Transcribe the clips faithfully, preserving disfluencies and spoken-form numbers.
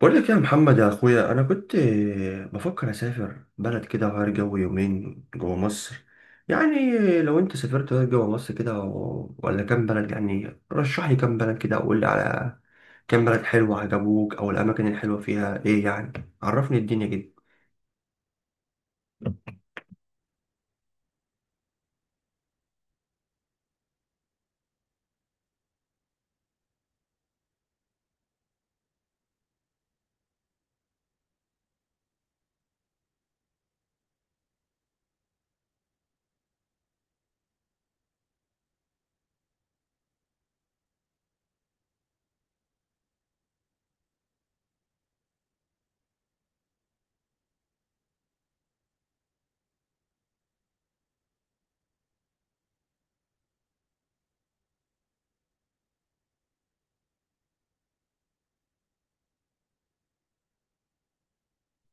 بقول لك يا محمد يا اخويا، انا كنت بفكر اسافر بلد كده وغير جو يومين جوه مصر يعني. لو انت سافرت غير جوه مصر كده و- ولا كام بلد، يعني رشح لي كام بلد كده وقول لي على كام بلد حلوة عجبوك، او الاماكن الحلوة فيها ايه يعني؟ عرفني الدنيا كده.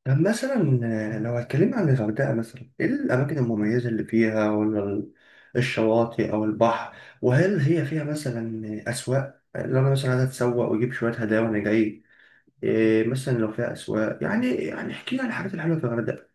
طب مثلا لو هتكلم عن الغردقة مثلا، ايه الاماكن المميزة اللي فيها ولا ال- الشواطئ او البحر؟ وهل هي فيها مثلا اسواق، لو انا مثلا عايز اتسوق واجيب شوية هدايا وانا جاي؟ إيه مثلا لو فيها أسواق يعني يعني احكي لي عن الحاجات الحلوة في الغردقة.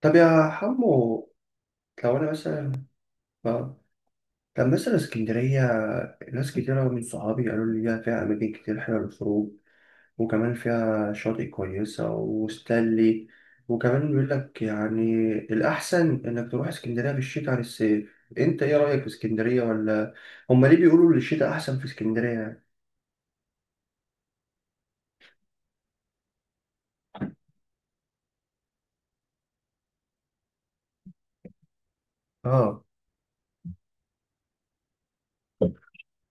طب يا حمو، لو أنا مثلا آه طب مثلا اسكندرية. ناس كتيرة من صحابي قالوا لي ليها فيها أماكن كتير حلوة للخروج، وكمان فيها شاطئ كويسة وستانلي. وكمان بيقول لك يعني الأحسن إنك تروح اسكندرية في الشتاء عن الصيف. أنت إيه رأيك في اسكندرية؟ ولا هما ليه بيقولوا إن الشتاء أحسن في اسكندرية؟ يعني؟ آه،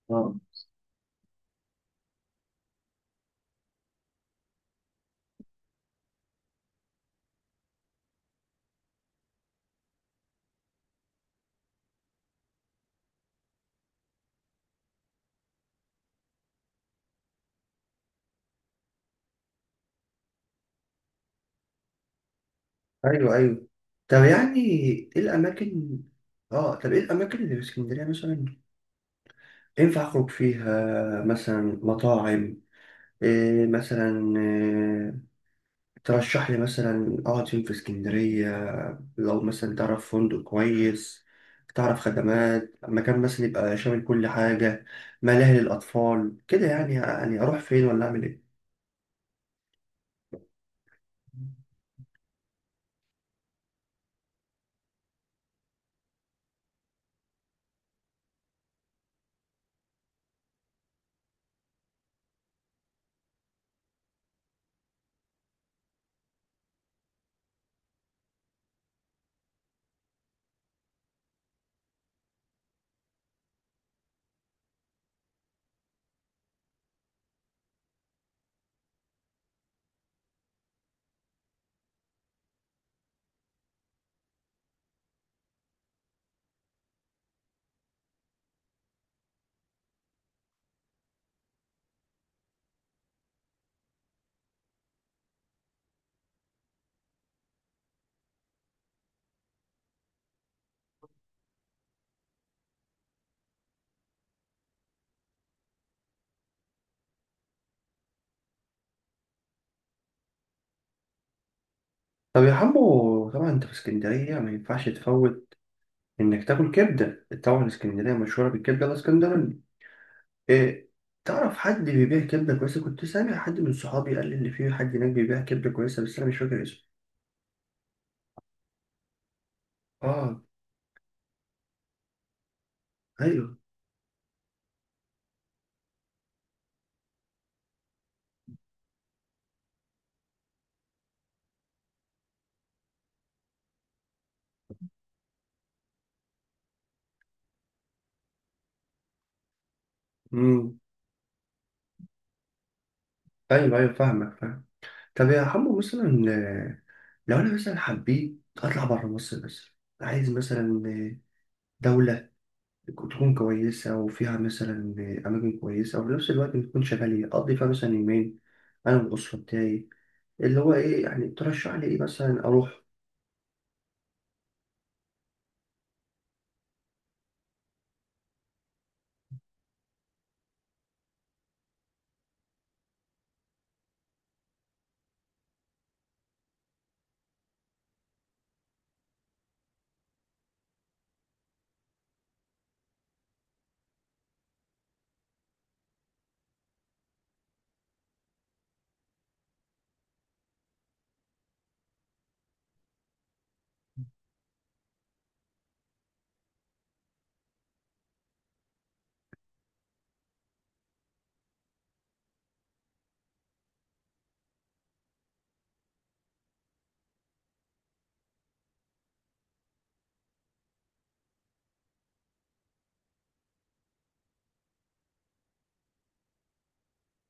آه، ايوه، ايوه. طب يعني، ايه الاماكن؟ اه، طب ايه الاماكن اللي في اسكندريه مثلا ينفع اخرج فيها مثلا؟ مطاعم؟ إيه مثلا؟ إيه ترشح لي مثلا اقعد فين في اسكندريه؟ لو مثلا تعرف فندق كويس، تعرف خدمات مكان مثلا يبقى شامل كل حاجه، ملاهي للاطفال كده يعني يعني اروح فين ولا اعمل ايه؟ طب يا حمو، طبعا انت في اسكندريه ما ينفعش تفوت انك تاكل كبده. طبعا اسكندريه مشهوره بالكبده الاسكندراني. إيه، تعرف حد بيبيع كبده كويسه؟ كنت سامع حد من صحابي قال لي ان في حد هناك بيبيع كبده كويسه بس انا مش فاكر اسمه. اه. ايوه. امم ايوه، ايوه، فاهمك فاهم. طب يا حمو، مثلا آه، لو انا مثلا حبيت اطلع بره مصر مثلا. عايز مثلا آه، دولة تكون كويسة وفيها مثلا آه، أماكن كويسة، وفي نفس الوقت تكون شغالة أقضي فيها مثلا يومين، أنا والأسرة بتاعي. اللي هو إيه يعني؟ ترشح لي إيه مثلا أروح؟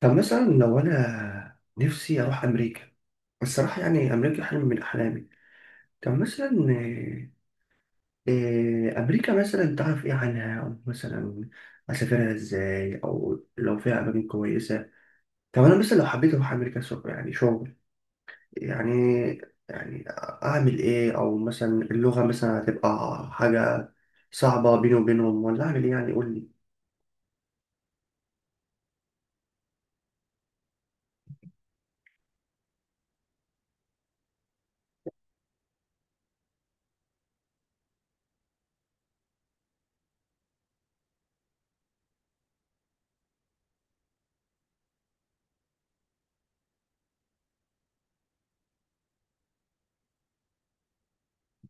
طب مثلا لو أنا نفسي أروح أمريكا. الصراحة يعني، أمريكا حلم من أحلامي. طب مثلا آه، آه، أمريكا مثلا تعرف إيه عنها، أو مثلا أسافرها إزاي، أو لو فيها أماكن كويسة؟ طب أنا مثلا لو حبيت أروح أمريكا شغل، يعني شغل، يعني يعني أعمل إيه؟ أو مثلا اللغة مثلا هتبقى حاجة صعبة بيني وبينهم، ولا أعمل إيه يعني؟ قول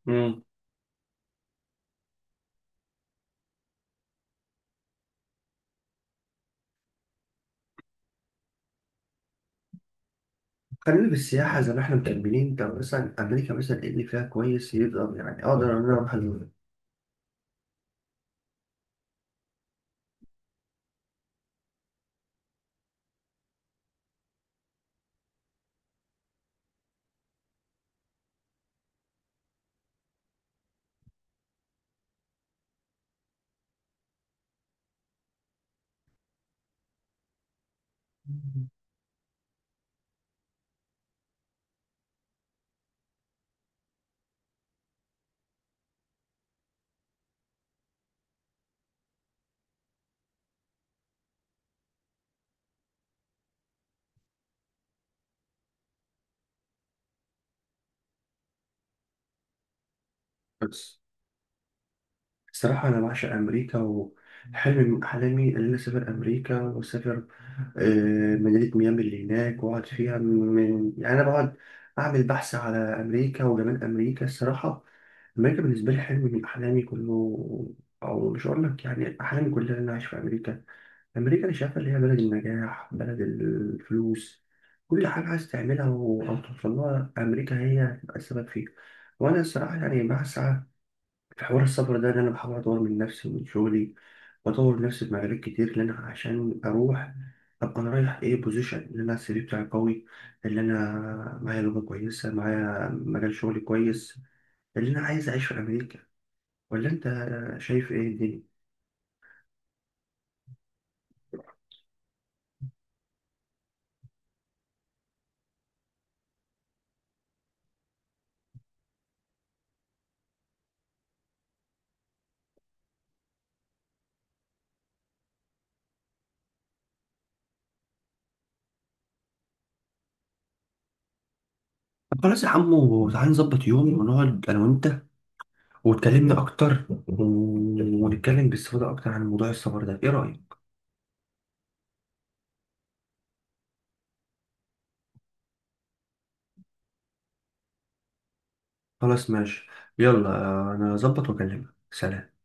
لي. خلينا في السياحة زي ما احنا مكملين. طب مثلا أمريكا مثلا إيه اللي فيها كويس يقدر، يعني أقدر إن أنا أروح ال- بس الصراحة أنا بعشق أمريكا، وحلم من أحلامي إن أنا أسافر أمريكا وأسافر آه، مدينة ميامي اللي هناك وأقعد فيها. من يعني أنا بقعد أعمل بحث على أمريكا وجمال أمريكا الصراحة. أمريكا بالنسبة لي حلم من أحلامي كله، أو مش هقول لك يعني أحلامي كلها، إن أنا أعيش في أمريكا. أمريكا أنا شايفها اللي هي بلد النجاح، بلد الفلوس. كل حاجة عايز تعملها و- أو توصل لها أمريكا هي هتبقى السبب فيها. وأنا الصراحة يعني بسعى في حوار السفر ده، إن أنا بحاول أطور من نفسي ومن شغلي، وأطور نفسي في مجالات كتير، لأن عشان أروح أبقى أنا رايح إيه بوزيشن، إن أنا سي في بتاعي قوي، اللي أنا معايا لغة كويسة، معايا مجال شغلي كويس، اللي أنا عايز أعيش في أمريكا. ولا أنت شايف إيه الدنيا؟ طب خلاص يا عمو، تعالى نظبط يوم ونقعد أنا وأنت واتكلمنا اكتر و- ونتكلم باستفاضه اكتر عن موضوع السفر ده، ايه رايك؟ خلاص ماشي. يلا. آه، انا اظبط واكلمك. سلام.